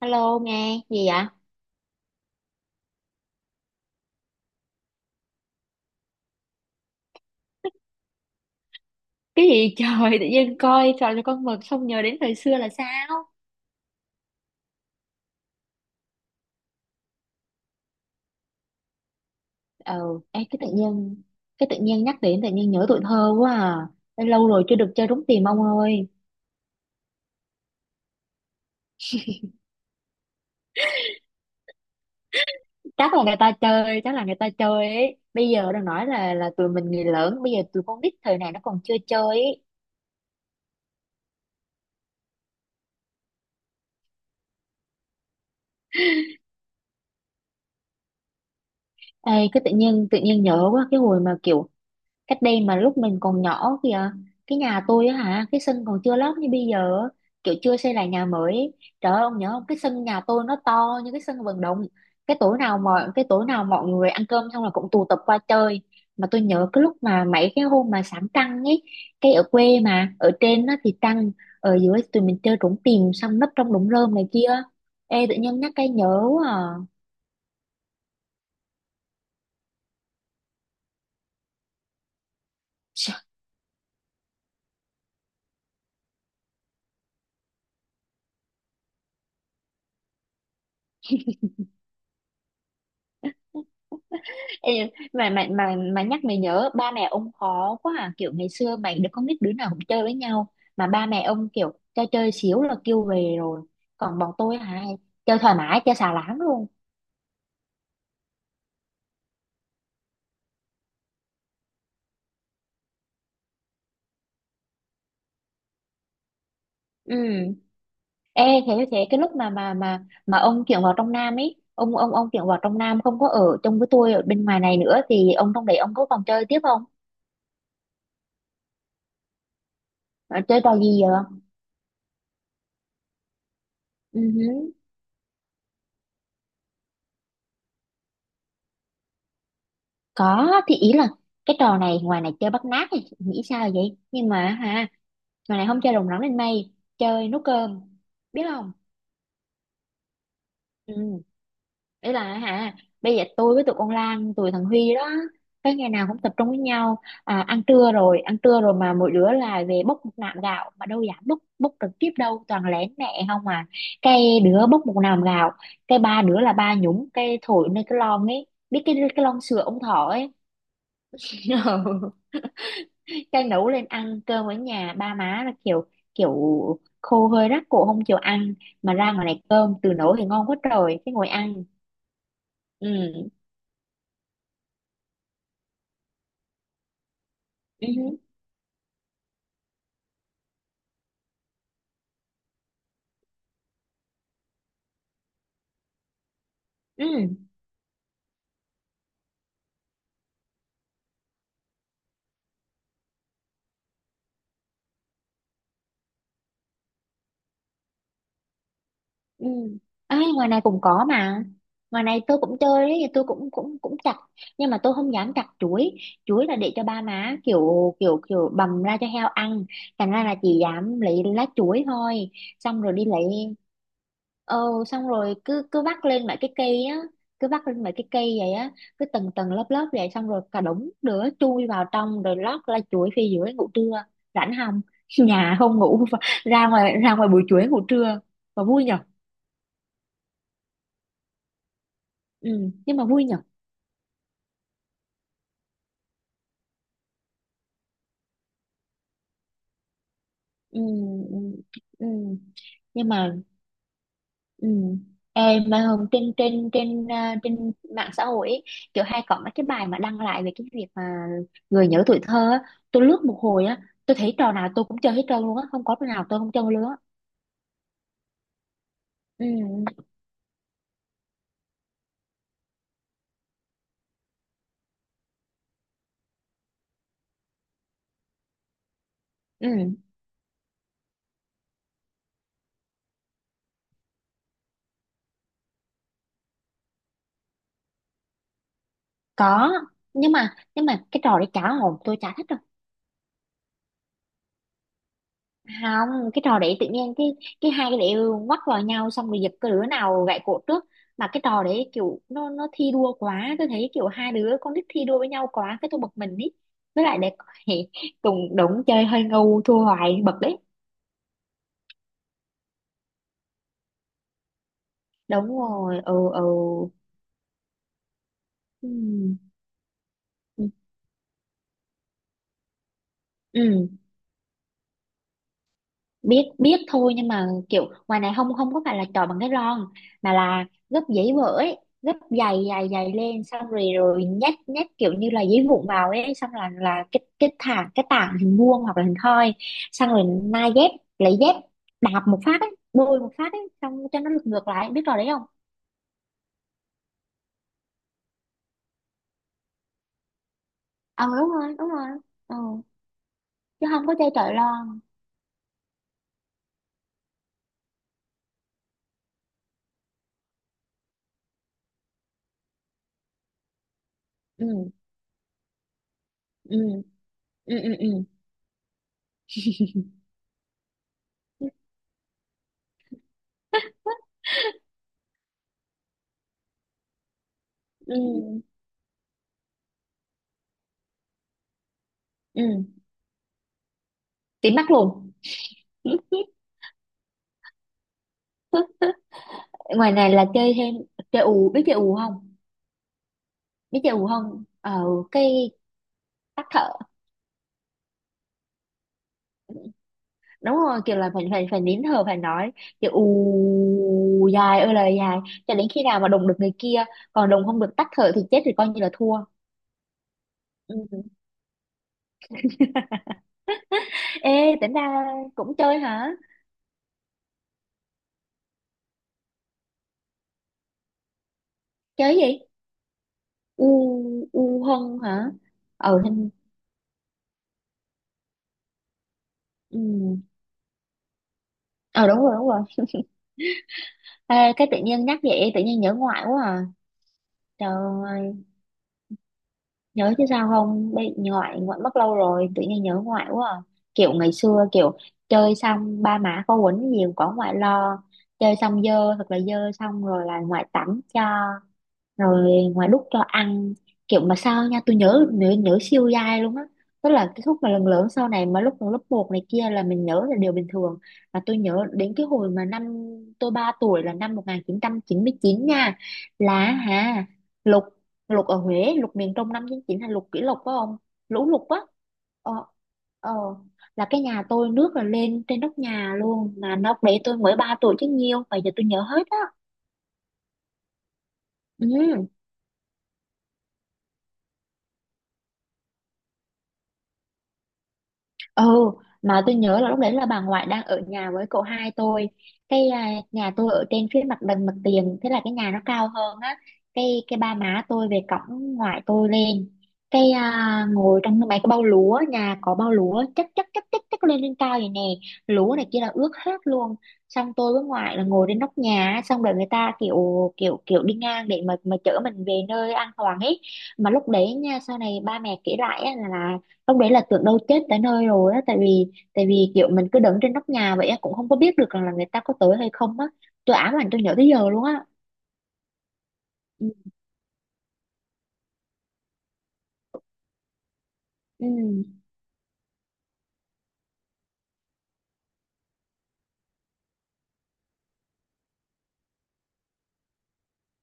Alo nghe gì vậy? Cái gì trời, tự nhiên coi trò cho con mực xong nhớ đến thời xưa là sao? Ừ, ê, cái tự nhiên nhắc đến, tự nhiên nhớ tuổi thơ quá à. Ê, lâu rồi chưa được chơi trúng tìm ông ơi. Chắc là người ta chơi, chắc là người ta chơi ấy. Bây giờ đang nói là tụi mình người lớn, bây giờ tụi con nít thời này nó còn chưa chơi ấy. Ê, cái tự nhiên nhớ quá cái hồi mà kiểu cách đây, mà lúc mình còn nhỏ kìa, cái nhà tôi á hả, cái sân còn chưa lót như bây giờ á, kiểu chưa xây lại nhà mới ấy. Trời ơi, ông nhớ không, cái sân nhà tôi nó to như cái sân vận động. Cái tối nào mọi người ăn cơm xong là cũng tụ tập qua chơi, mà tôi nhớ cái lúc mà mấy cái hôm mà sáng trăng ấy, cái ở quê mà ở trên nó thì trăng, ở dưới tụi mình chơi trốn tìm xong nấp trong đống rơm này kia. Ê, tự nhiên nhắc cái nhớ quá à. Ê, mà nhắc mày nhớ ba mẹ ông khó quá à, kiểu ngày xưa mày đứa con nít đứa nào cũng chơi với nhau, mà ba mẹ ông kiểu cho chơi xíu là kêu về rồi. Còn bọn tôi hả, chơi thoải mái chơi xà láng luôn. Ừ, ê, thế thế cái lúc mà ông chuyển vào trong Nam ấy, ông chuyển vào trong Nam không có ở chung với tôi ở bên ngoài này nữa, thì ông trong đấy ông có còn chơi tiếp không? Ờ, chơi trò gì vậy? Ừ hứ. Có thì ý là cái trò này ngoài này chơi bắt nạt thì nghĩ sao vậy, nhưng mà hả. Mà này không chơi rồng rắn lên mây. Chơi nấu cơm. Biết không? Ừ. Đấy là hả. Bây giờ tôi với tụi con Lan, tụi thằng Huy đó, cái ngày nào cũng tập trung với nhau. À, ăn trưa rồi, ăn trưa rồi mà mỗi đứa là về bốc một nạm gạo. Mà đâu dám bốc, bốc trực tiếp đâu, toàn lén mẹ không à. Cái đứa bốc một nạm gạo, cái ba đứa là ba nhúng, cái thổi nơi cái lon ấy. Biết cái lon sữa ông thỏ ấy. Cái nấu lên ăn, cơm ở nhà ba má là kiểu kiểu khô, hơi rát cổ không chịu ăn, mà ra ngoài này cơm từ nấu thì ngon quá trời, cái ngồi ăn. Ừ. Ừ. Ừ. Ừ. Ê, ngoài này cũng có mà. Ngoài này tôi cũng chơi ấy, tôi cũng cũng cũng chặt, nhưng mà tôi không dám chặt chuối. Chuối là để cho ba má kiểu kiểu kiểu bầm ra cho heo ăn, thành ra là chỉ dám lấy lá chuối thôi. Xong rồi đi lấy, ờ, xong rồi cứ cứ vắt lên mấy cái cây á, cứ vắt lên mấy cái cây vậy á, cứ tầng tầng lớp lớp vậy, xong rồi cả đống đứa chui vào trong rồi lót lá chuối phía dưới ngủ trưa. Rảnh không! Nhà không ngủ, ra ngoài buổi chuối ngủ trưa. Và vui nhở. Ừ, nhưng mà vui nhở. Ừ. Ừ. Ừ. Nhưng mà. Ừ. Ê, mà hôm trên trên trên à, trên mạng xã hội ấy, kiểu hay có mấy cái bài mà đăng lại về cái việc mà người nhớ tuổi thơ á, tôi lướt một hồi á, tôi thấy trò nào tôi cũng chơi hết trơn luôn á, không có trò nào tôi không chơi luôn á. Ừ. Ừ. Có. Nhưng mà cái trò đấy cá hồn tôi chả thích. Không, cái trò đấy tự nhiên cái hai cái đấy quắc vào nhau xong rồi giật, cái đứa nào gãy cổ trước. Mà cái trò đấy kiểu nó thi đua quá, tôi thấy kiểu hai đứa con nít thi đua với nhau quá cái tôi bực mình ý, với lại để cùng đống chơi hơi ngu thua hoài bực đấy. Đúng rồi. Ừ. Ừ. Ừ. Ừ. biết biết thôi, nhưng mà kiểu ngoài này không, có phải là chọi bằng cái ron, mà là gấp giấy vỡ, gấp dày dày dày lên xong rồi rồi nhét, nhét kiểu như là giấy vụn vào ấy, xong là cái thả cái tảng hình vuông hoặc là hình thoi, xong rồi nai dép, lấy dép, đạp một phát ấy, bôi một phát ấy, xong cho nó lật ngược lại. Biết trò đấy không? Ờ, đúng rồi, đúng rồi. Ờ. Chứ không có chơi chọi lon. Ừ. Ừ. Ừ. Ừ. Ừ. Ừ. Ừ. Ừ. Tím mắt luôn. Ngoài này là chơi thêm, chơi ù. Biết chơi ù không? Biết chơi ù không? Ờ, cái tắt thở. Đúng rồi, kiểu là phải phải phải nín thở phải nói, kiểu ù dài ơi là dài, cho đến khi nào mà đụng được người kia. Còn đụng không được, tắt thở thì chết, thì coi như là thua. Ừ. Ê, tính ra cũng chơi hả? Chơi gì? U. U hân hả? Ờ hình. Ừ. Ờ, đúng rồi, đúng rồi. Ê, cái tự nhiên nhắc vậy tự nhiên nhớ ngoại quá à. Trời ơi. Nhớ chứ sao không, bị ngoại, ngoại mất lâu rồi, tự nhiên nhớ ngoại quá à. Kiểu ngày xưa, kiểu chơi xong ba má có quấn nhiều, có ngoại lo, chơi xong dơ thật là dơ xong rồi là ngoại tắm cho, rồi ngoài đút cho ăn. Kiểu mà sao nha, tôi nhớ nhớ, nhớ siêu dai luôn á, tức là cái khúc mà lần lớn sau này mà lúc mà lớp một này kia là mình nhớ là điều bình thường. Và tôi nhớ đến cái hồi mà năm tôi 3 tuổi là năm 1999 nha, là hả, lục, lục ở Huế, lục miền Trung, năm 99 là lục kỷ lục phải không. Lũ lụt á. Ờ. Ờ. Là cái nhà tôi nước là lên trên nóc nhà luôn, mà nóc đấy tôi mới 3 tuổi chứ nhiêu, bây giờ tôi nhớ hết á. Ừ. Ừ. Mà tôi nhớ là lúc đấy là bà ngoại đang ở nhà với cậu hai tôi. Cái nhà tôi ở trên phía mặt bằng mặt tiền, thế là cái nhà nó cao hơn á. Cái ba má tôi về cổng ngoại tôi lên, cái ngồi trong mấy cái bao lúa, nhà có bao lúa chất chất chất chất chất lên lên cao vậy nè, lúa này kia là ướt hết luôn. Xong tôi với ngoại là ngồi trên nóc nhà á, xong rồi người ta kiểu kiểu kiểu đi ngang để mà chở mình về nơi an toàn ấy. Mà lúc đấy nha, sau này ba mẹ kể lại á, là lúc đấy là tưởng đâu chết tới nơi rồi á, tại vì, tại vì kiểu mình cứ đứng trên nóc nhà vậy á, cũng không có biết được rằng là người ta có tới hay không á. Tôi ám ảnh, tôi nhớ tới giờ luôn á. Ừ. Ừ.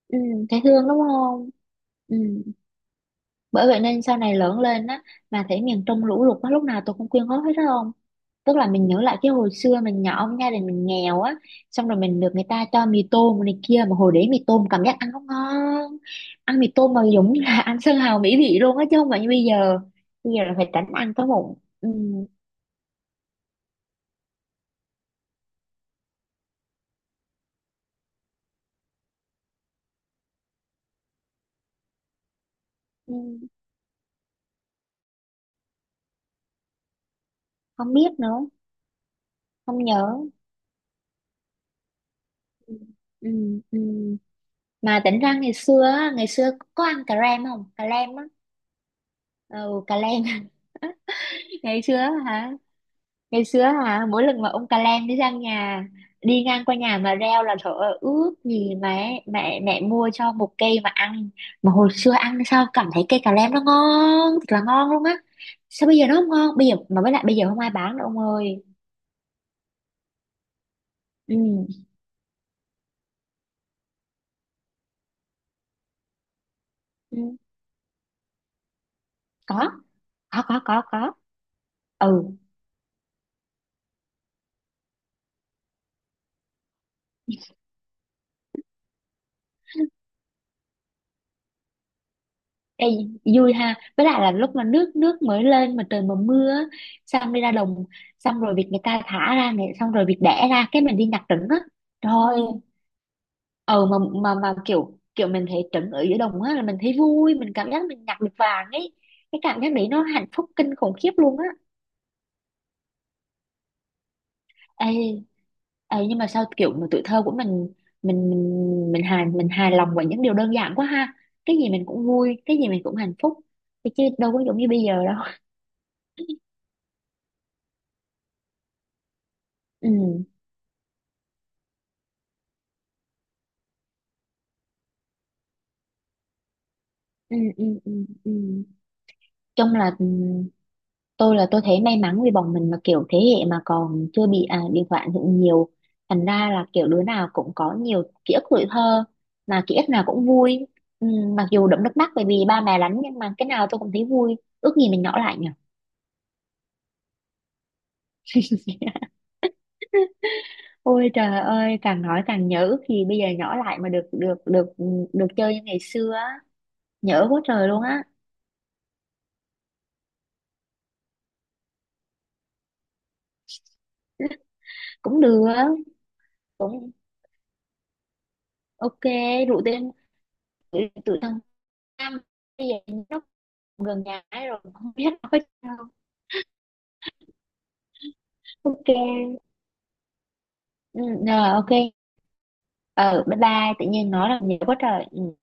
Ừ. Thấy thương, đúng không. Ừ. Bởi vậy nên sau này lớn lên á, mà thấy miền Trung lũ lụt á, lúc nào tôi cũng quyên góp hết đó ông. Tức là mình nhớ lại cái hồi xưa mình nhỏ, gia đình mình nghèo á, xong rồi mình được người ta cho mì tôm này kia, mà hồi đấy mì tôm cảm giác ăn nó ngon, ăn mì tôm mà giống như là ăn sơn hào mỹ vị luôn á, chứ không phải như bây giờ. Bây giờ là phải tránh ăn cái bụng. Ừ. Ừ. Không biết nữa. Không nhớ. Ừ. Ừ. Ừ. Mà tỉnh ra ngày xưa á, ngày xưa có ăn cà rem không, cà lem á. Ừ, cà lem. Ngày xưa á hả, ngày xưa hả, mỗi lần mà ông cà lem đi sang nhà, đi ngang qua nhà mà reo là trời ơi, ước gì mẹ mẹ mẹ mua cho một cây mà ăn. Mà hồi xưa ăn sao cảm thấy cây cà lem nó ngon thật là ngon luôn á, sao bây giờ nó không ngon? Bây giờ mà với lại bây giờ không ai bán nữa ông ơi. Ừ. Ừ. Có. Có. Có. Có. Có. Ừ. Ê, vui ha, với lại là lúc mà nước nước mới lên mà trời mà mưa á, xong đi ra đồng, xong rồi việc người ta thả ra này, xong rồi việc đẻ ra, cái mình đi nhặt trứng á. Trời. Ờ mà, mà kiểu kiểu mình thấy trứng ở giữa đồng á là mình thấy vui, mình cảm giác mình nhặt được vàng ấy, cái cảm giác đấy nó hạnh phúc kinh khủng khiếp luôn á. Ê, nhưng mà sao kiểu mà tuổi thơ của mình, mình hài, mình hài lòng với những điều đơn giản quá ha, cái gì mình cũng vui, cái gì mình cũng hạnh phúc, chứ đâu có giống như bây giờ đâu. Ừ. Ừ. Ừ. Ừ. Ừ. Chung là ừ, tôi là tôi thấy may mắn vì bọn mình là kiểu thế hệ mà còn chưa bị điện thoại ảnh hưởng nhiều, thành ra là kiểu đứa nào cũng có nhiều ký ức tuổi thơ, mà ký ức nào cũng vui. Ừ, mặc dù đẫm nước mắt bởi vì ba mẹ đánh, nhưng mà cái nào tôi cũng thấy vui. Ước gì mình nhỏ lại nhỉ. Ôi trời ơi, càng nói càng nhớ, ước gì bây giờ nhỏ lại mà được được được được chơi như ngày xưa á. Nhớ quá trời luôn á. Cũng được. Cũng. Ok. Rủ tên tụi tụi thằng Nam bây giờ gần nhà ấy, rồi không biết nói sao. Ok. Ừ, rồi ok. Ừ, bye bye, tự nhiên nói là nhiều quá trời. Ừ.